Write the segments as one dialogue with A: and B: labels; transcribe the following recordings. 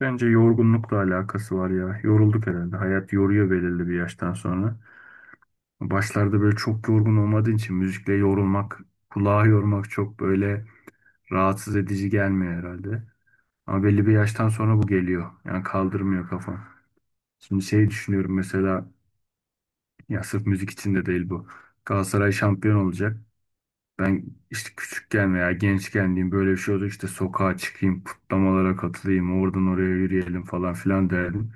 A: Bence yorgunlukla alakası var ya. Yorulduk herhalde. Hayat yoruyor belirli bir yaştan sonra. Başlarda böyle çok yorgun olmadığın için müzikle yorulmak, kulağı yormak çok böyle rahatsız edici gelmiyor herhalde. Ama belli bir yaştan sonra bu geliyor. Yani kaldırmıyor kafam. Şimdi şey düşünüyorum mesela ya sırf müzik için de değil bu. Galatasaray şampiyon olacak. Ben işte küçükken veya gençken diyeyim böyle bir şey oldu işte sokağa çıkayım, kutlamalara katılayım, oradan oraya yürüyelim falan filan derdim.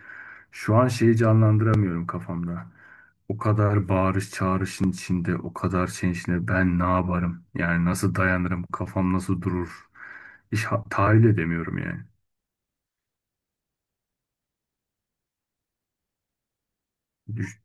A: Şu an şeyi canlandıramıyorum kafamda. O kadar bağırış çağrışın içinde, o kadar şeyin içinde ben ne yaparım? Yani nasıl dayanırım? Kafam nasıl durur? Hiç tahayyül edemiyorum yani. Düş-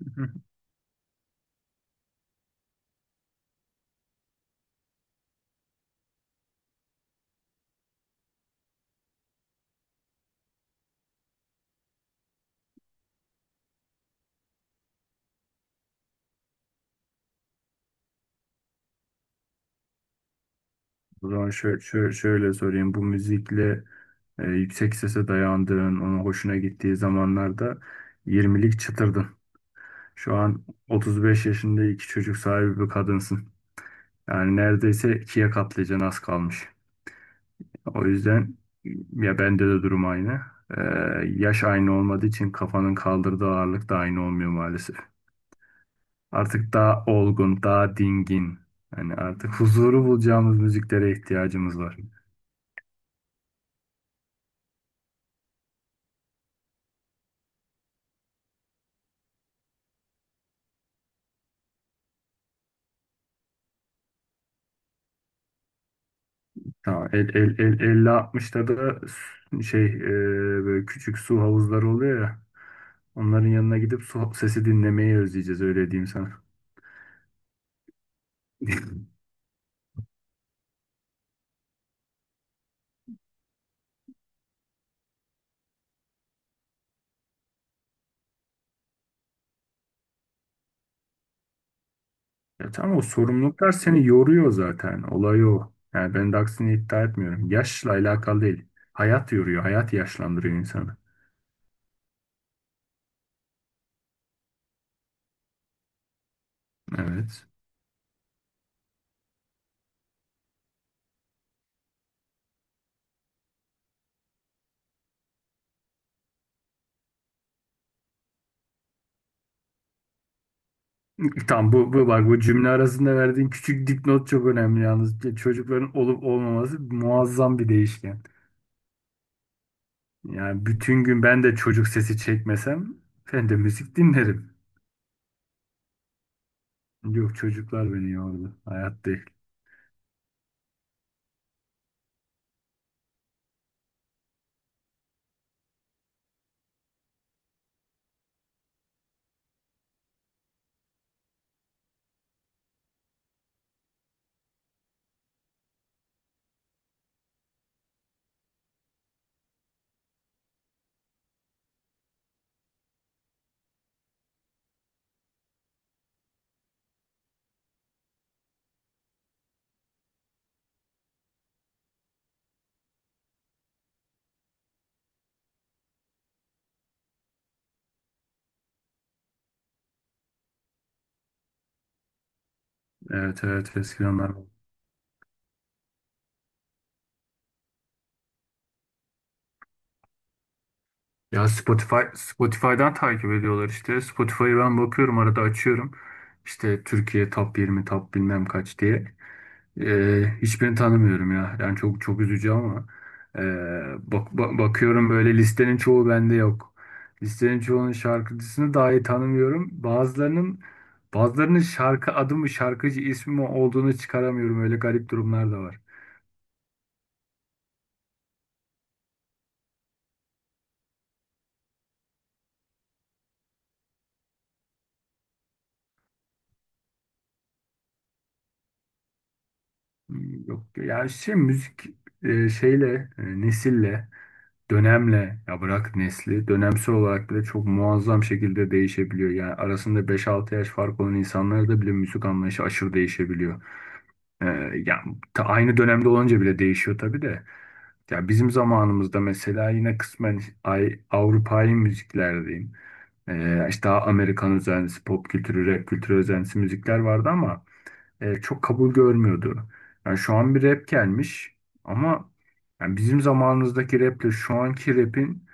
A: O zaman şöyle, şöyle, şöyle sorayım. Bu müzikle yüksek sese dayandığın, ona hoşuna gittiği zamanlarda 20'lik çıtırdın. Şu an 35 yaşında iki çocuk sahibi bir kadınsın. Yani neredeyse ikiye katlayacaksın az kalmış. O yüzden ya bende de durum aynı. Ee, yaş aynı olmadığı için kafanın kaldırdığı ağırlık da aynı olmuyor maalesef. Artık daha olgun, daha dingin. Yani artık huzuru bulacağımız müziklere ihtiyacımız var. Tamam, 50-60'da da şey böyle küçük su havuzları oluyor ya. Onların yanına gidip su sesi dinlemeyi özleyeceğiz öyle diyeyim sana. Ya tamam o sorumluluklar seni yoruyor zaten. Olay o. Yani ben de aksini iddia etmiyorum. Yaşla alakalı değil. Hayat yoruyor. Hayat yaşlandırıyor insanı. Evet. Tam bu bak bu cümle arasında verdiğin küçük dipnot çok önemli yalnız. Çocukların olup olmaması muazzam bir değişken. Yani bütün gün ben de çocuk sesi çekmesem ben de müzik dinlerim. Yok, çocuklar beni yordu. Hayat değil. Evet, evet, eskiden ben. Ya Spotify'dan takip ediyorlar işte. Spotify'ı ben bakıyorum arada açıyorum. İşte Türkiye top 20 top bilmem kaç diye. Hiçbirini tanımıyorum ya. Yani çok çok üzücü ama ee, bakıyorum böyle listenin çoğu bende yok. Listenin çoğunun şarkıcısını dahi tanımıyorum. Bazılarının şarkı adı mı şarkıcı ismi mi olduğunu çıkaramıyorum. Öyle garip durumlar da var. Yok yani şey müzik şeyle nesille dönemle ya bırak nesli dönemsel olarak bile çok muazzam şekilde değişebiliyor. Yani arasında beş altı yaş fark olan insanlarda da bile müzik anlayışı aşırı değişebiliyor. Ee, yani aynı dönemde olunca bile değişiyor tabii de. Ya bizim zamanımızda mesela yine kısmen Avrupa'yı müzikler diyeyim. İşte daha Amerikan özentisi, pop kültürü, rap kültürü özentisi müzikler vardı ama çok kabul görmüyordu. Yani şu an bir rap gelmiş ama yani bizim zamanımızdaki raple şu anki rapin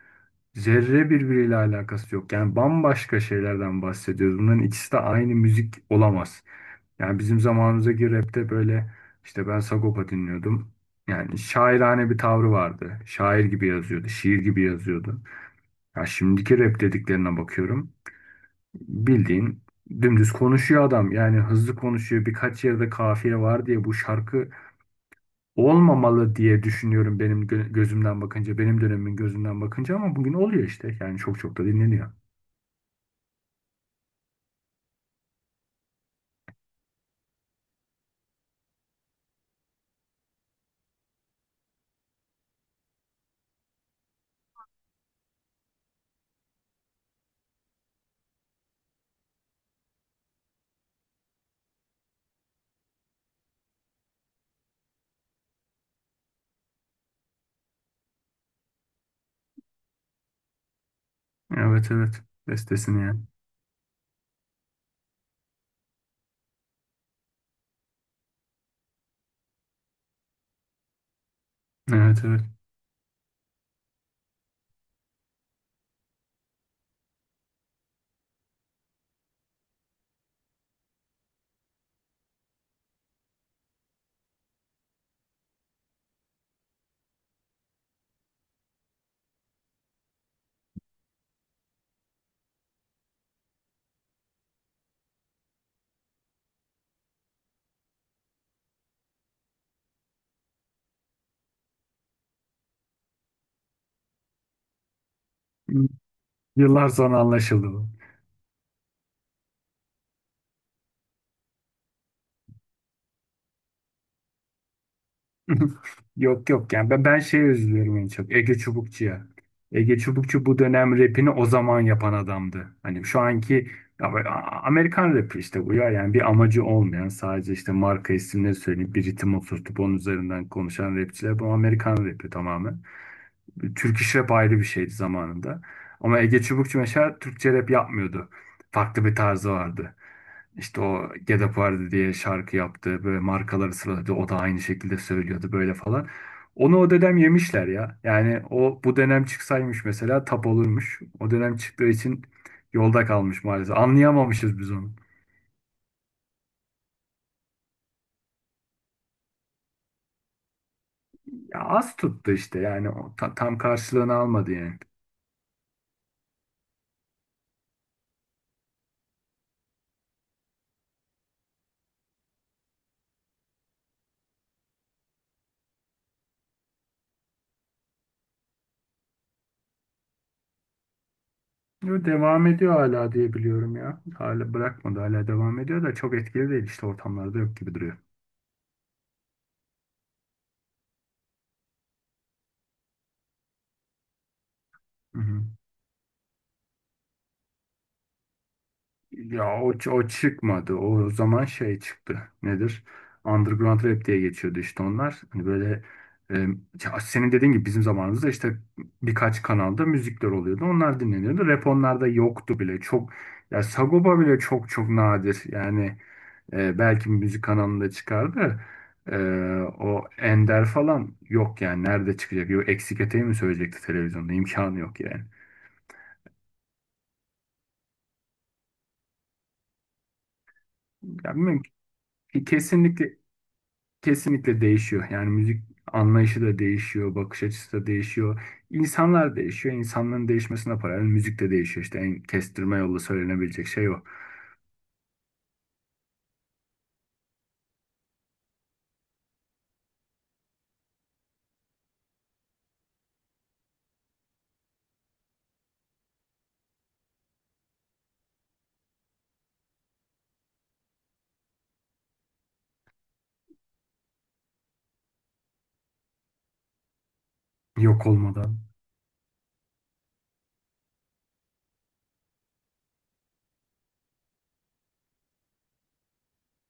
A: zerre birbiriyle alakası yok. Yani bambaşka şeylerden bahsediyoruz. Bunların ikisi de aynı müzik olamaz. Yani bizim zamanımızdaki rapte böyle işte ben Sagopa dinliyordum. Yani şairane bir tavrı vardı. Şair gibi yazıyordu, şiir gibi yazıyordu. Ya şimdiki rap dediklerine bakıyorum. Bildiğin dümdüz konuşuyor adam. Yani hızlı konuşuyor. Birkaç yerde kafiye var diye bu şarkı olmamalı diye düşünüyorum benim gözümden bakınca, benim dönemimin gözünden bakınca ama bugün oluyor işte. Yani çok çok da dinleniyor. Evet, evet. Bestesini yani. Evet, evet. Yıllar sonra anlaşıldı bu. Yok, yok, yani ben şeye üzülüyorum en çok. Ege Çubukçu'ya. Ege Çubukçu bu dönem rapini o zaman yapan adamdı. Hani şu anki ya böyle, Amerikan rapi işte bu ya yani bir amacı olmayan sadece işte marka isimleri söyleyip bir ritim oturtup onun üzerinden konuşan rapçiler bu Amerikan rapi tamamen. Türk iş rap ayrı bir şeydi zamanında. Ama Ege Çubukçu mesela Türkçe rap yapmıyordu. Farklı bir tarzı vardı. İşte o Get Up Vardı diye şarkı yaptı. Böyle markaları sıraladı. O da aynı şekilde söylüyordu böyle falan. Onu o dönem yemişler ya. Yani o bu dönem çıksaymış mesela tap olurmuş. O dönem çıktığı için yolda kalmış maalesef. Anlayamamışız biz onu. Ya az tuttu işte yani o tam karşılığını almadı yani. Yo, devam ediyor hala diye biliyorum ya. Hala bırakmadı, hala devam ediyor da çok etkili değil işte, ortamlarda yok gibi duruyor. Hı hı. Ya o çıkmadı. O zaman şey çıktı. Nedir? Underground rap diye geçiyordu işte onlar. Hani böyle e, ya senin dediğin gibi bizim zamanımızda işte birkaç kanalda müzikler oluyordu. Onlar dinleniyordu. Rap onlarda yoktu bile. Çok, ya Sagopa bile çok çok nadir. Yani belki bir müzik kanalında çıkardı. E, o Ender falan yok yani. Nerede çıkacak? Yok, eksik eteği mi söyleyecekti televizyonda? İmkanı yok yani. Ya bilmiyorum. Kesinlikle Kesinlikle değişiyor. Yani müzik anlayışı da değişiyor, bakış açısı da değişiyor. İnsanlar değişiyor. İnsanların değişmesine paralel müzik de değişiyor. İşte en kestirme yolu söylenebilecek şey o. Yok olmadan.